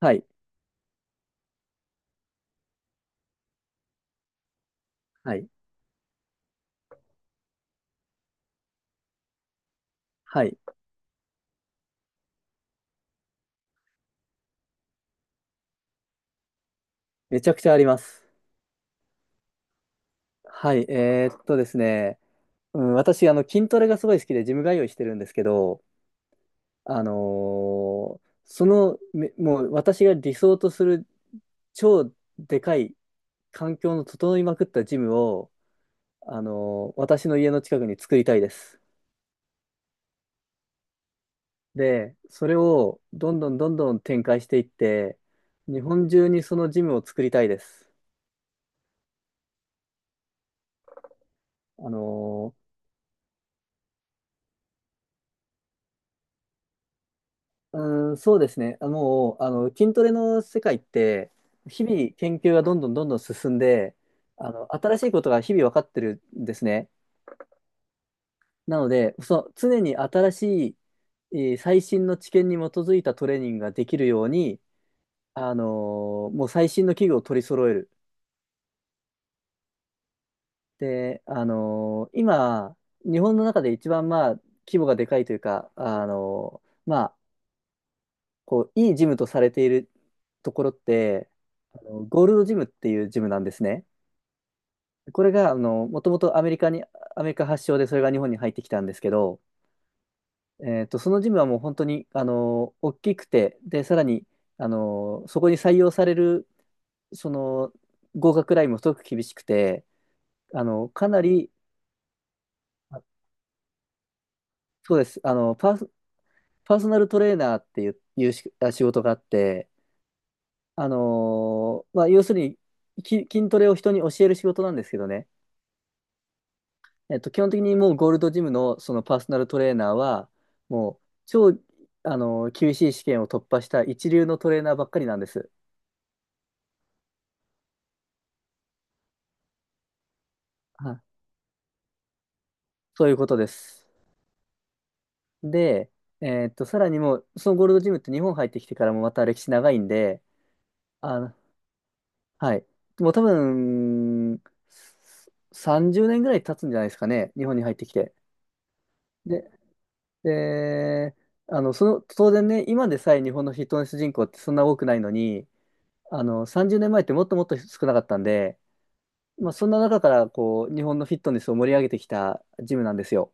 はい、はい、はい。めちゃくちゃあります。はい、ですね、うん、私、筋トレがすごい好きで、ジム通いしてるんですけど、あのもう私が理想とする超でかい環境の整いまくったジムを、私の家の近くに作りたいです。で、それをどんどんどんどん展開していって、日本中にそのジムを作りたいです。あのそうですね。もう、筋トレの世界って、日々研究がどんどんどんどん進んで、新しいことが日々分かってるんですね。なので、そう、常に新しい、えー最新の知見に基づいたトレーニングができるように、もう最新の器具を取り揃える。で、今、日本の中で一番、まあ、規模がでかいというか、まあ、こう、いいジムとされているところって、あのゴールドジムっていうジムなんですね。これが、もともとアメリカ発祥でそれが日本に入ってきたんですけど、そのジムはもう本当に、大きくて、で、さらに、そこに採用される、その、合格ラインもすごく厳しくて、かなり、あそうです。パーソナルトレーナーっていう、いうしあ仕事があって、まあ、要するに、筋トレを人に教える仕事なんですけどね、基本的にもうゴールドジムのそのパーソナルトレーナーは、もう超、厳しい試験を突破した一流のトレーナーばっかりなんです。はい、そういうことです。で、さらにもう、そのゴールドジムって日本入ってきてからもまた歴史長いんで、あの、はい。もう多分、30年ぐらい経つんじゃないですかね、日本に入ってきて。で、で、当然ね、今でさえ日本のフィットネス人口ってそんな多くないのに、30年前ってもっともっと少なかったんで、まあ、そんな中からこう、日本のフィットネスを盛り上げてきたジムなんですよ。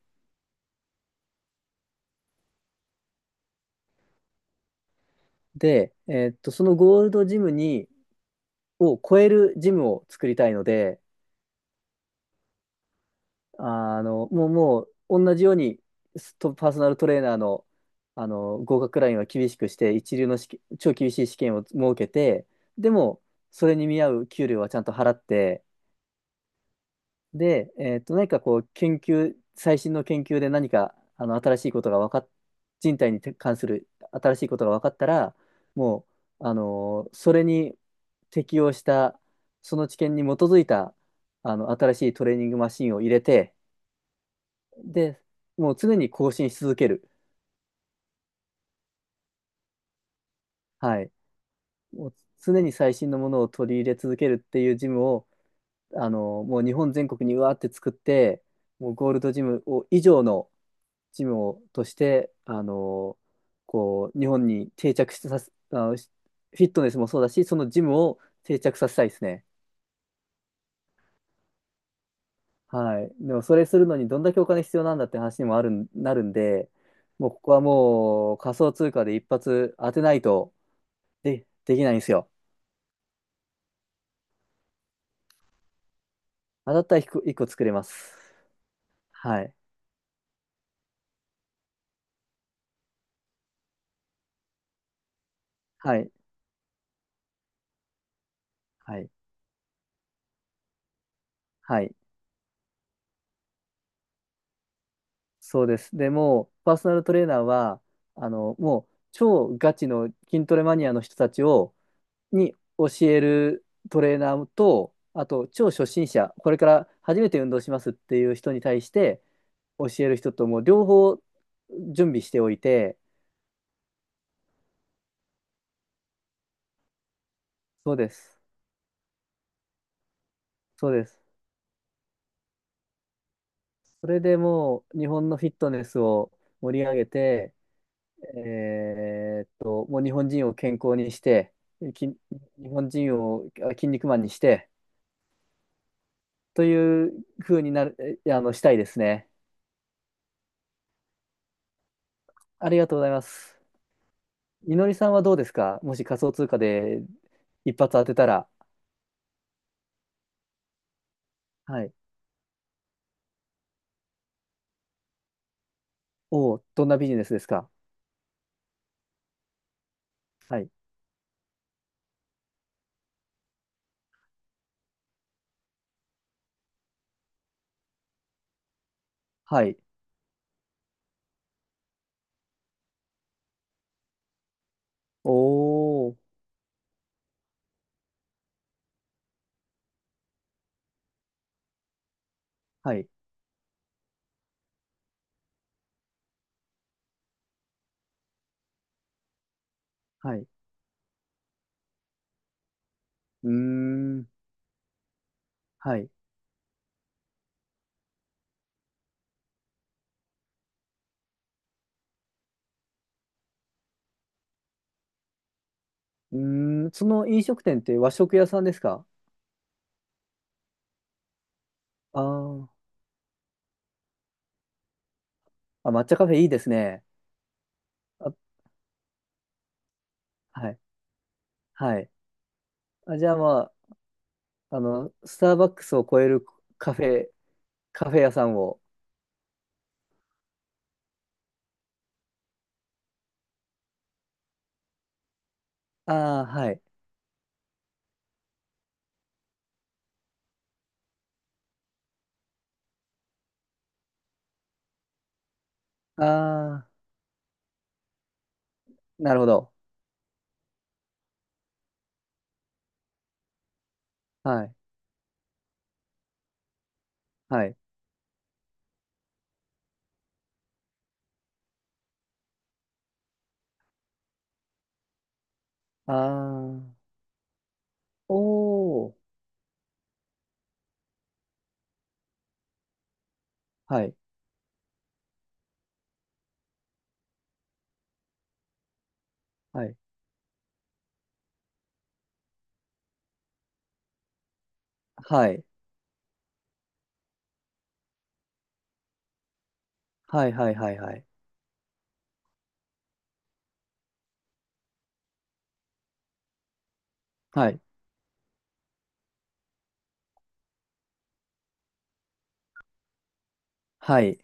で、そのゴールドジムを超えるジムを作りたいので、もう、同じように、パーソナルトレーナーの、合格ラインは厳しくして、一流の試験超厳しい試験を設けて、でも、それに見合う給料はちゃんと払って、で、何かこう、最新の研究で何か、新しいことが分かっ、人体に関する新しいことが分かったら、もう、それに適応した、その知見に基づいた、新しいトレーニングマシンを入れて、で、もう常に更新し続ける。はい。もう常に最新のものを取り入れ続けるっていうジムを、もう日本全国にうわーって作って、もうゴールドジムを以上の、チームをとして、こう、日本に定着してさせ、フィットネスもそうだし、そのジムを定着させたいですね。はい。でも、それするのにどんだけお金必要なんだって話にもあるん、なるんで、もうここはもう仮想通貨で一発当てないとできないんですよ。当たったら一個一個作れます。はい。はい。はい。はい。そうです。でもう、パーソナルトレーナーは、もう、超ガチの筋トレマニアの人たちに教えるトレーナーと、あと超初心者、これから初めて運動しますっていう人に対して教える人ともう両方準備しておいて、そうです、そうです。それでもう日本のフィットネスを盛り上げて、もう日本人を健康にして、日本人を筋肉マンにして、という風になる、えあの、したいですね。ありがとうございます。みのりさんはどうですか？もし仮想通貨で一発当てたら。はい。おお、どんなビジネスですか？はい。はい。おお、はい。はい。うーん。はい。うーん。その飲食店って和食屋さんですか？あー、あ、抹茶カフェいいですね。あ、はい。はい。あ、じゃあまあ、スターバックスを超えるカフェ、カフェ屋さんを。ああ、はい。ああ、なるほど。はい。はい。ああ、おお、はい。はい。はい。はい、はい、はい、はい。はい。はい。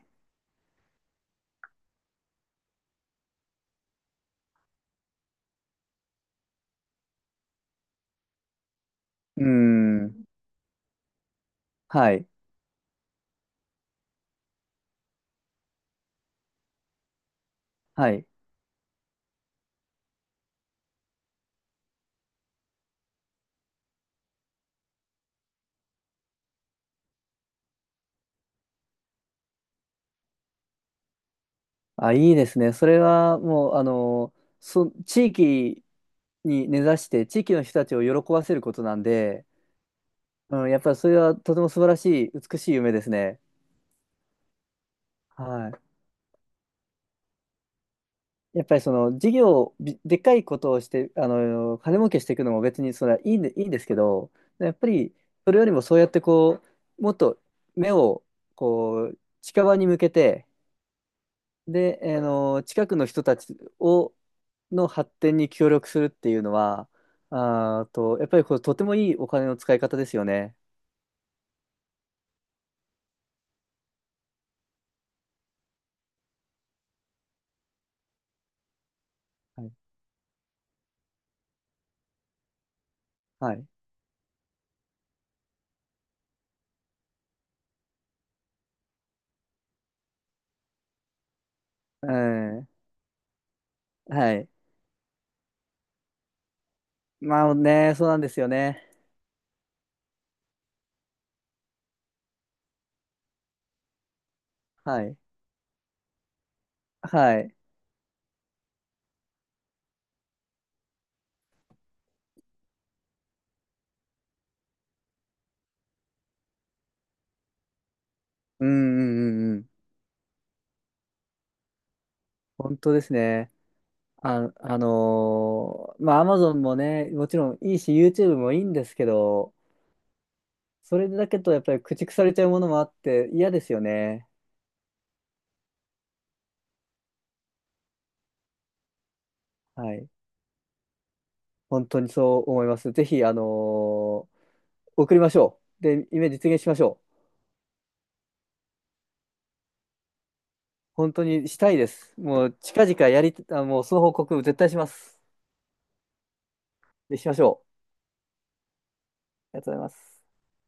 うーん。はい。はい。あ、いいですね。それはもう、地域に根ざして、地域の人たちを喜ばせることなんで、うん、やっぱりそれはとても素晴らしい、美しい夢ですね。はい。やっぱりその事業、びでっかいことをして、金儲けしていくのも別にそれはいいんですけど、やっぱりそれよりもそうやってこう、もっと目をこう、近場に向けて、で、近くの人たちの発展に協力するっていうのは、あーと、やっぱりこれとてもいいお金の使い方ですよね。はい。はい。うん。はい。まあね、そうなんですよね。はい。はい。うんうんうんうん。本当ですね。あ、まあ、Amazon もね、もちろんいいし、YouTube もいいんですけど、それだけとやっぱり駆逐されちゃうものもあって嫌ですよね。はい。本当にそう思います。ぜひ、送りましょう。で、夢実現しましょう。本当にしたいです。もう近々やり、あ、もうその報告絶対します。で、しましょう。ありがとうございます。